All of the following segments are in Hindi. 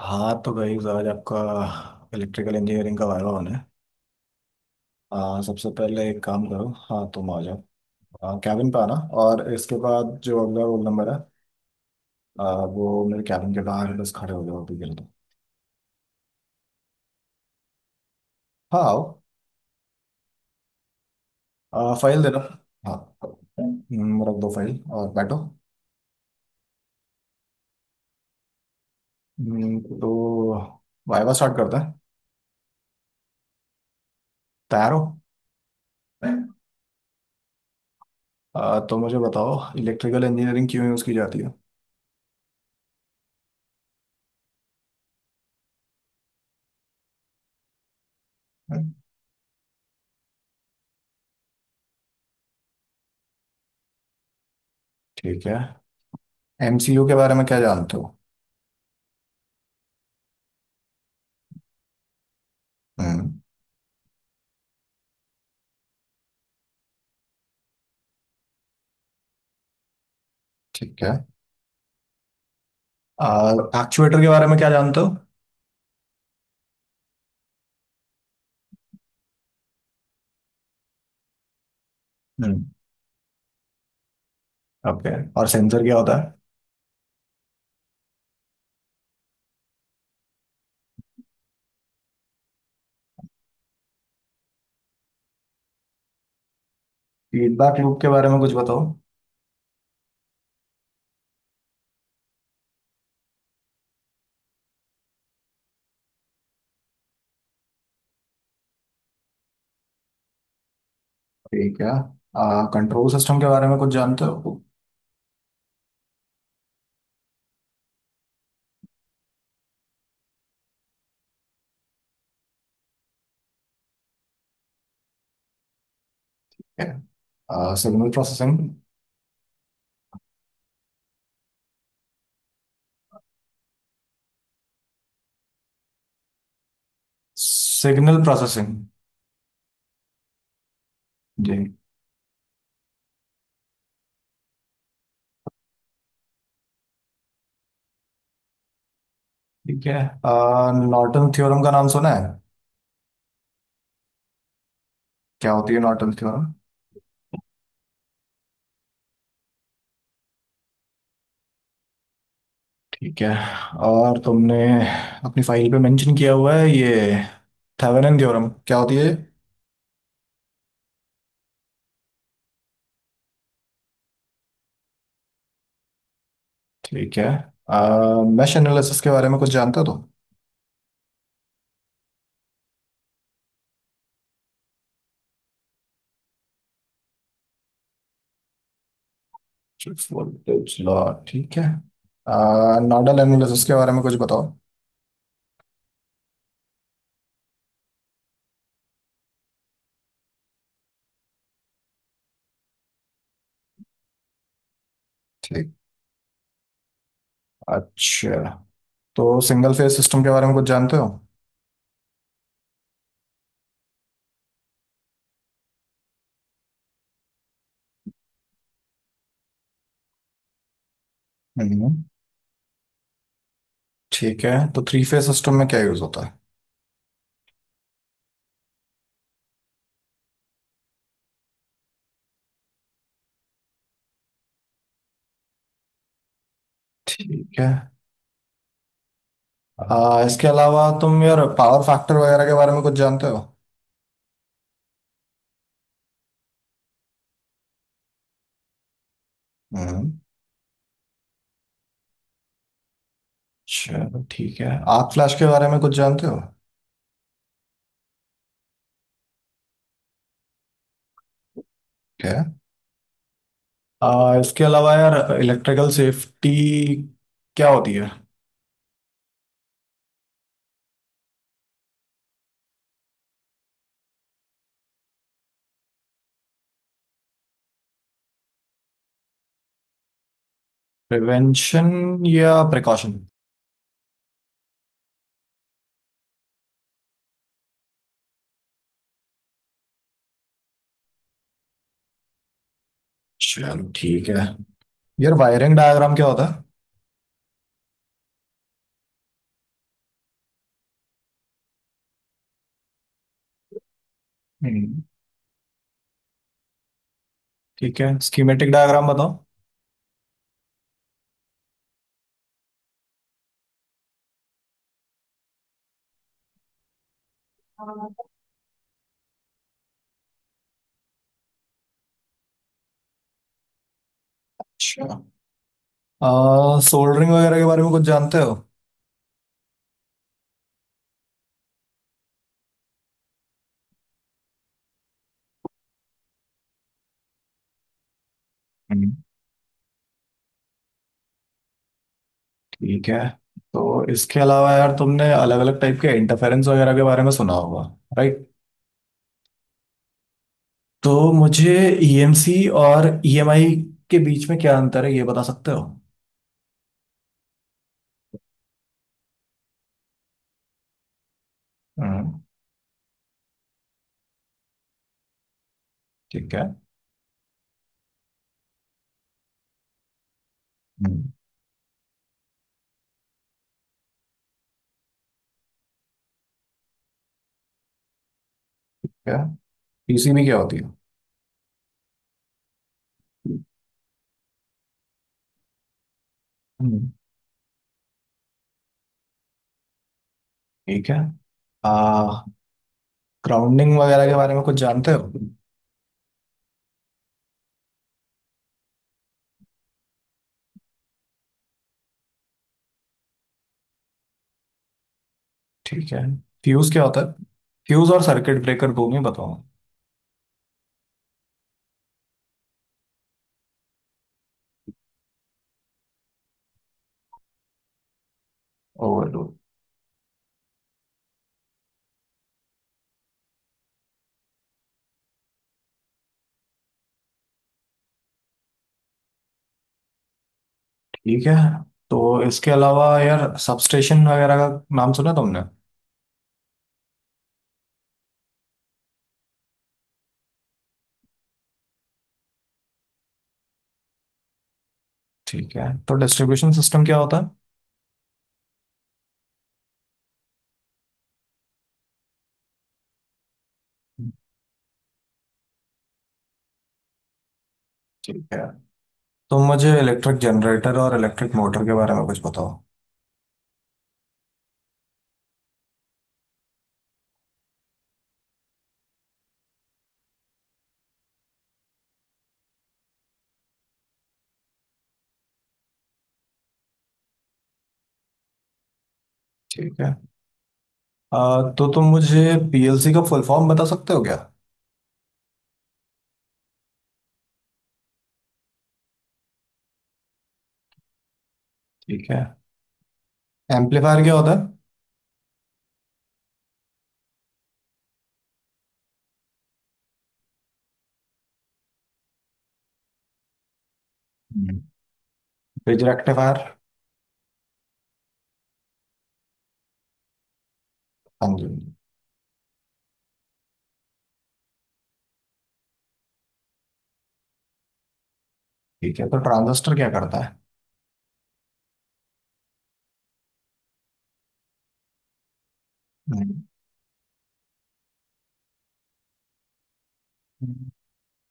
हाँ तो भाई, आज आपका इलेक्ट्रिकल इंजीनियरिंग का वायवा होना है। हाँ, सबसे पहले एक काम करो, हाँ तुम आ जाओ। हाँ, कैबिन पे आना। और इसके बाद जो अगला रोल नंबर है, वो मेरे कैबिन के बाहर है, बस खड़े हो जाओ अभी के लिए तो। हाँ, आओ। फाइल देना। हाँ। रख दो फाइल और बैठो। तो वायवा स्टार्ट करते हैं। तैयार हो? तो मुझे बताओ इलेक्ट्रिकल इंजीनियरिंग क्यों यूज़ की जाती है। ठीक है। एमसीयू के बारे में क्या जानते हो? हम्म। ठीक है। एक्चुएटर के बारे में क्या जानते हो? हम्म। ओके। और सेंसर क्या होता है? फीडबैक लूप के बारे में कुछ बताओ। ठीक है। कंट्रोल सिस्टम के बारे में कुछ जानते हो? Okay. Signal processing. Signal processing. जी। ठीक है। नॉर्टन थ्योरम का नाम सुना है? क्या होती है नॉर्टन थ्योरम? ठीक है। और तुमने अपनी फाइल पे मेंशन किया हुआ है ये थेवेनिन थ्योरम, क्या होती है ये? ठीक है। मैश एनालिसिस के बारे में कुछ जानते हो तुम? सिर्फ voltage law, ठीक है। नोडल एनालिसिस के बारे में कुछ बताओ। ठीक। अच्छा, तो सिंगल फेज सिस्टम के बारे में कुछ जानते हो? हम्म। ठीक है, तो थ्री फेज सिस्टम में क्या यूज होता है? ठीक है। इसके अलावा तुम यार पावर फैक्टर वगैरह के बारे में कुछ जानते हो? हम्म। चलो ठीक है। आर्क फ्लैश के बारे में कुछ जानते हो? इसके अलावा यार इलेक्ट्रिकल सेफ्टी क्या होती है? प्रिवेंशन या प्रिकॉशन? चलो ठीक है। यार, वायरिंग डायग्राम क्या होता है? हम्म, ठीक है। स्कीमेटिक डायग्राम बताओ। अच्छा। सोल्डरिंग वगैरह के बारे में कुछ जानते हो? हम्म, ठीक है। तो इसके अलावा यार तुमने अलग अलग टाइप के इंटरफेरेंस वगैरह के बारे में सुना होगा, राइट? तो मुझे ईएमसी और ईएमआई के बीच में क्या अंतर है ये बता सकते हो? हम्म, ठीक है। हम्म, ठीक है। पीसी में क्या होती है? हम्म, ठीक है। आ, ग्राउंडिंग वगैरह के बारे में कुछ जानते हो? ठीक है। फ्यूज क्या होता है? फ्यूज और सर्किट ब्रेकर, दो में बताओ। ओवरलोड। ठीक है। तो इसके अलावा यार सबस्टेशन वगैरह का नाम सुना तुमने? ठीक है, तो डिस्ट्रीब्यूशन सिस्टम क्या होता है? ठीक है, तो मुझे इलेक्ट्रिक जनरेटर और इलेक्ट्रिक मोटर के बारे में कुछ बताओ। ठीक है। तो तुम मुझे पीएलसी का फुल फॉर्म बता सकते हो क्या? ठीक है। एम्पलीफायर क्या होता है? रिजरेक्टिव आयर। हाँ जी। ठीक है, तो ट्रांजिस्टर क्या करता है? हम्म।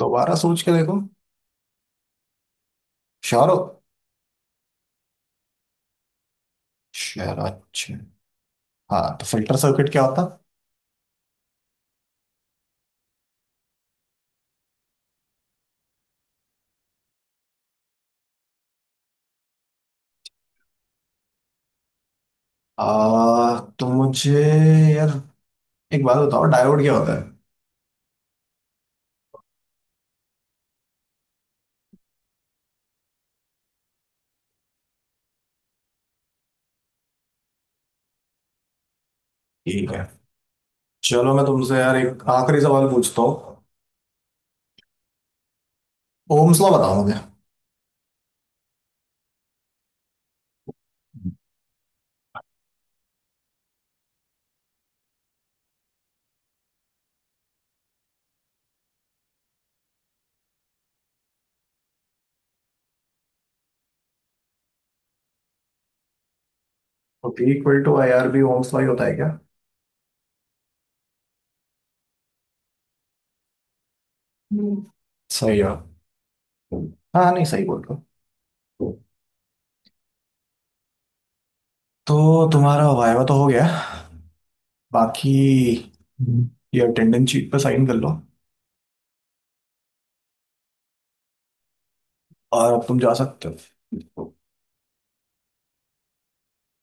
दोबारा सोच के देखो। श्योर हो? श्योर? अच्छा। हाँ, तो फिल्टर सर्किट क्या होता? तो मुझे यार एक बात बताओ, डायोड क्या होता है? ठीक है। चलो, मैं तुमसे यार एक आखिरी सवाल पूछता हूँ। ओम्स लॉ बताओ मुझे। तो P equal to I R B Ohm's law ही होता है क्या? हम्म। सही है। हाँ नहीं, सही बोल रहे हो। तो तुम्हारा वाइवा तो हो गया। बाकी ये अटेंडेंस शीट पे साइन कर लो। और अब तुम जा सकते हो।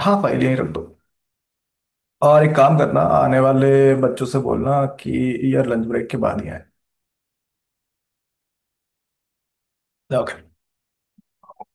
हाँ, फाइल यहीं रख दो। और एक काम करना, आने वाले बच्चों से बोलना कि यार लंच ब्रेक के बाद ही आए। ओके।